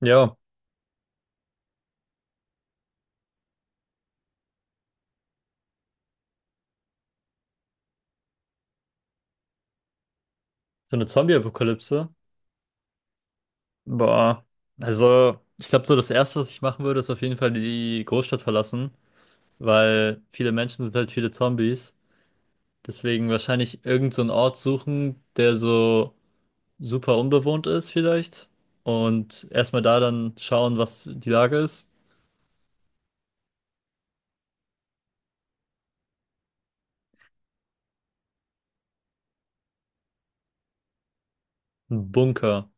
Ja, so eine Zombie-Apokalypse. Boah. Also, ich glaube, so das Erste, was ich machen würde, ist auf jeden Fall die Großstadt verlassen, weil viele Menschen sind halt viele Zombies. Deswegen wahrscheinlich irgend so einen Ort suchen, der so super unbewohnt ist vielleicht. Und erstmal da dann schauen, was die Lage ist. Ein Bunker.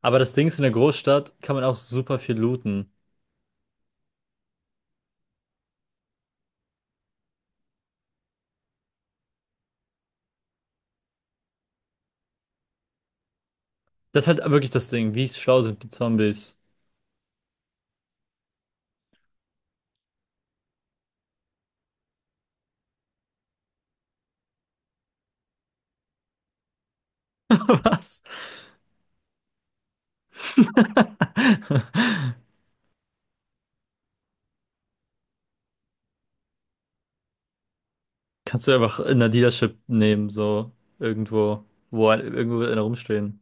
Aber das Ding ist, in der Großstadt kann man auch super viel looten. Das ist halt wirklich das Ding. Wie schlau sind die Zombies? Was? Kannst du einfach in der Dealership nehmen, so irgendwo, irgendwo wird einer rumstehen.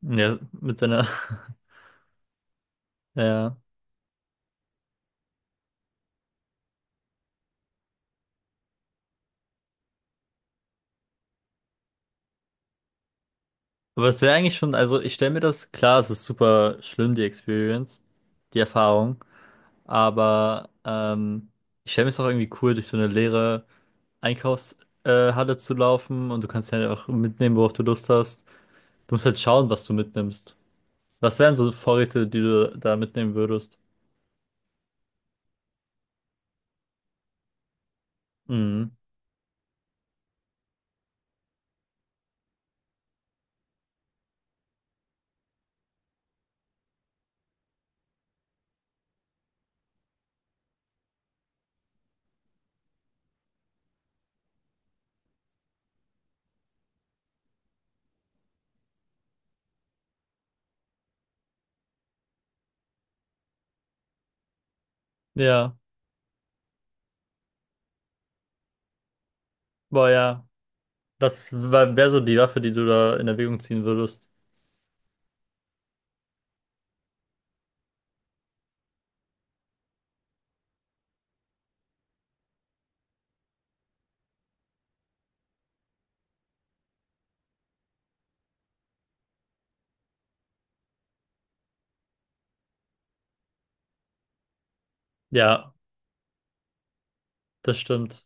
Ja, mit seiner. Ja. Aber es wäre eigentlich schon, also ich stelle mir das, klar, es ist super schlimm, die Experience, die Erfahrung, aber ich stelle mir es auch irgendwie cool, durch so eine leere Einkaufshalle Halle zu laufen, und du kannst ja auch mitnehmen, worauf du Lust hast. Du musst halt schauen, was du mitnimmst. Was wären so Vorräte, die du da mitnehmen würdest? Mhm. Ja, boah, ja. Das wäre so die Waffe, die du da in Erwägung ziehen würdest. Ja, das stimmt.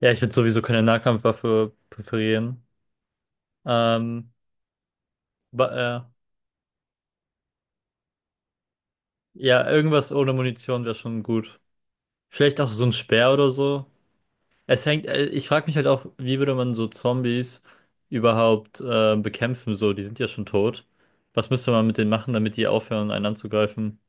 Ja, ich würde sowieso keine Nahkampfwaffe präferieren. Ähm, ba- äh, ja, irgendwas ohne Munition wäre schon gut. Vielleicht auch so ein Speer oder so. Es hängt, ich frage mich halt auch, wie würde man so Zombies überhaupt bekämpfen? So, die sind ja schon tot. Was müsste man mit denen machen, damit die aufhören, einen anzugreifen?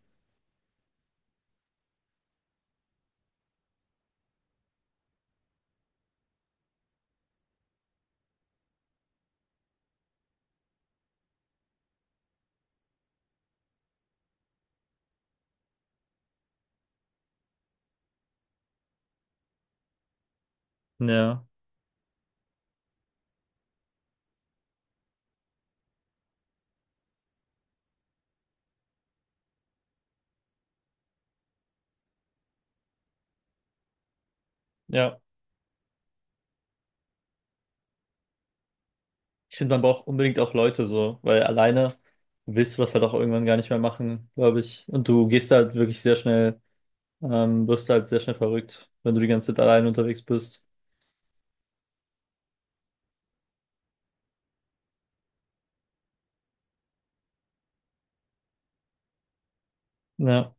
Ja, ja. Ich finde, man braucht unbedingt auch Leute so, weil alleine willst du das halt auch irgendwann gar nicht mehr machen, glaube ich. Und du gehst halt wirklich sehr schnell, wirst halt sehr schnell verrückt, wenn du die ganze Zeit alleine unterwegs bist. Ja.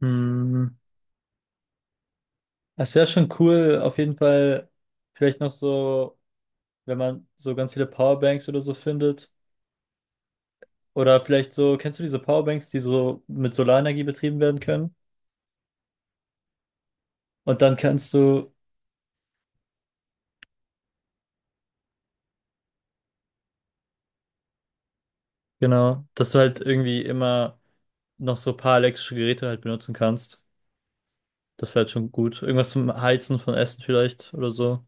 Hm. Es wäre schon cool, auf jeden Fall, vielleicht noch so, wenn man so ganz viele Powerbanks oder so findet. Oder vielleicht so, kennst du diese Powerbanks, die so mit Solarenergie betrieben werden können? Und dann kannst du, genau, dass du halt irgendwie immer noch so ein paar elektrische Geräte halt benutzen kannst. Das wäre halt schon gut. Irgendwas zum Heizen von Essen vielleicht oder so.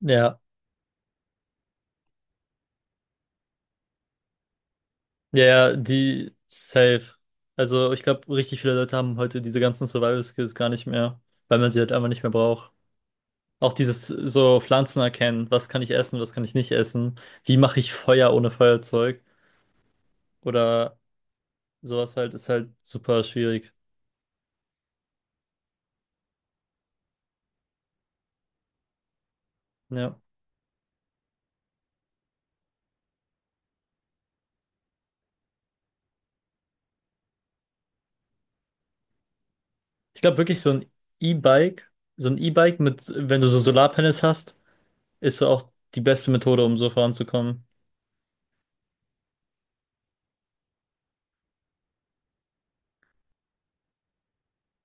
Ja, ja, ja, die safe. Also ich glaube, richtig viele Leute haben heute diese ganzen Survival Skills gar nicht mehr, weil man sie halt einfach nicht mehr braucht. Auch dieses so Pflanzen erkennen, was kann ich essen, was kann ich nicht essen, wie mache ich Feuer ohne Feuerzeug oder sowas halt, ist halt super schwierig. Ja. Ich glaube wirklich E-Bike, so ein E-Bike mit, wenn du so Solarpanels hast, ist so auch die beste Methode, um so voranzukommen.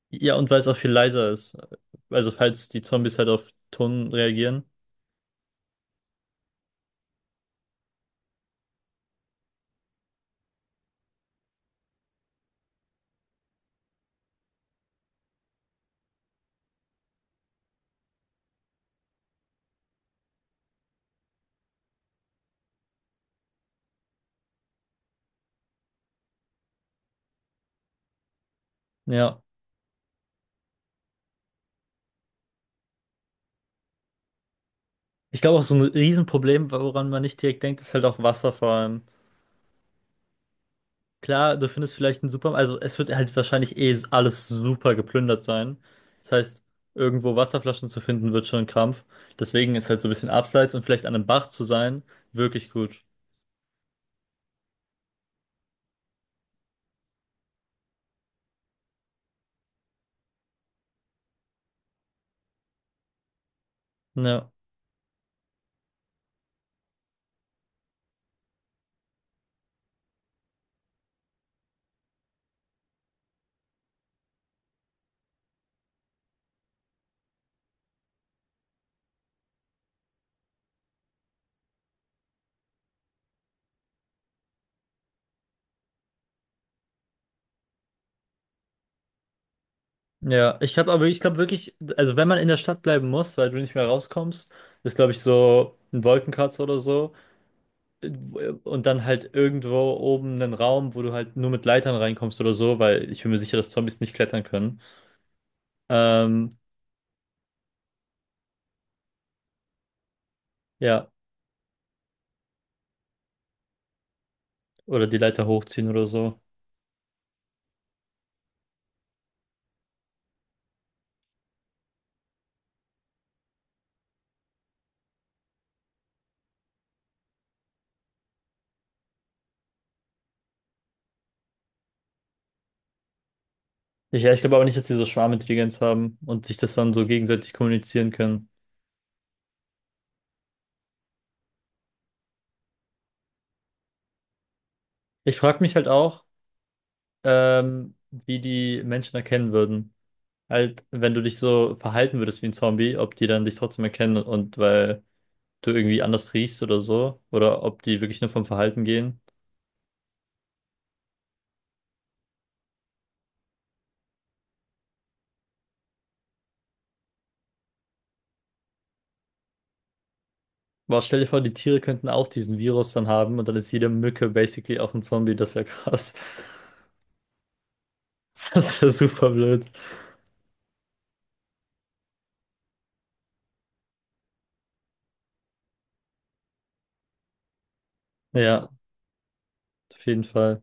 Ja, und weil es auch viel leiser ist. Also falls die Zombies halt auf Ton reagieren. Ja. Ich glaube auch so ein Riesenproblem, woran man nicht direkt denkt, ist halt auch Wasser vor allem. Klar, du findest vielleicht einen Supermarkt, also es wird halt wahrscheinlich eh alles super geplündert sein. Das heißt, irgendwo Wasserflaschen zu finden, wird schon ein Krampf. Deswegen ist halt so ein bisschen abseits und vielleicht an einem Bach zu sein, wirklich gut. Ja. Ja, ich habe aber, ich glaube wirklich, also wenn man in der Stadt bleiben muss, weil du nicht mehr rauskommst, ist glaube ich so ein Wolkenkratzer oder so. Und dann halt irgendwo oben einen Raum, wo du halt nur mit Leitern reinkommst oder so, weil ich bin mir sicher, dass Zombies nicht klettern können. Ähm, ja, oder die Leiter hochziehen oder so. Ich, ja, ich glaube aber nicht, dass die so Schwarmintelligenz haben und sich das dann so gegenseitig kommunizieren können. Ich frage mich halt auch, wie die Menschen erkennen würden. Halt, wenn du dich so verhalten würdest wie ein Zombie, ob die dann dich trotzdem erkennen, und weil du irgendwie anders riechst oder so, oder ob die wirklich nur vom Verhalten gehen. Boah, stell dir vor, die Tiere könnten auch diesen Virus dann haben und dann ist jede Mücke basically auch ein Zombie. Das wäre krass. Das wäre super blöd. Ja, auf jeden Fall.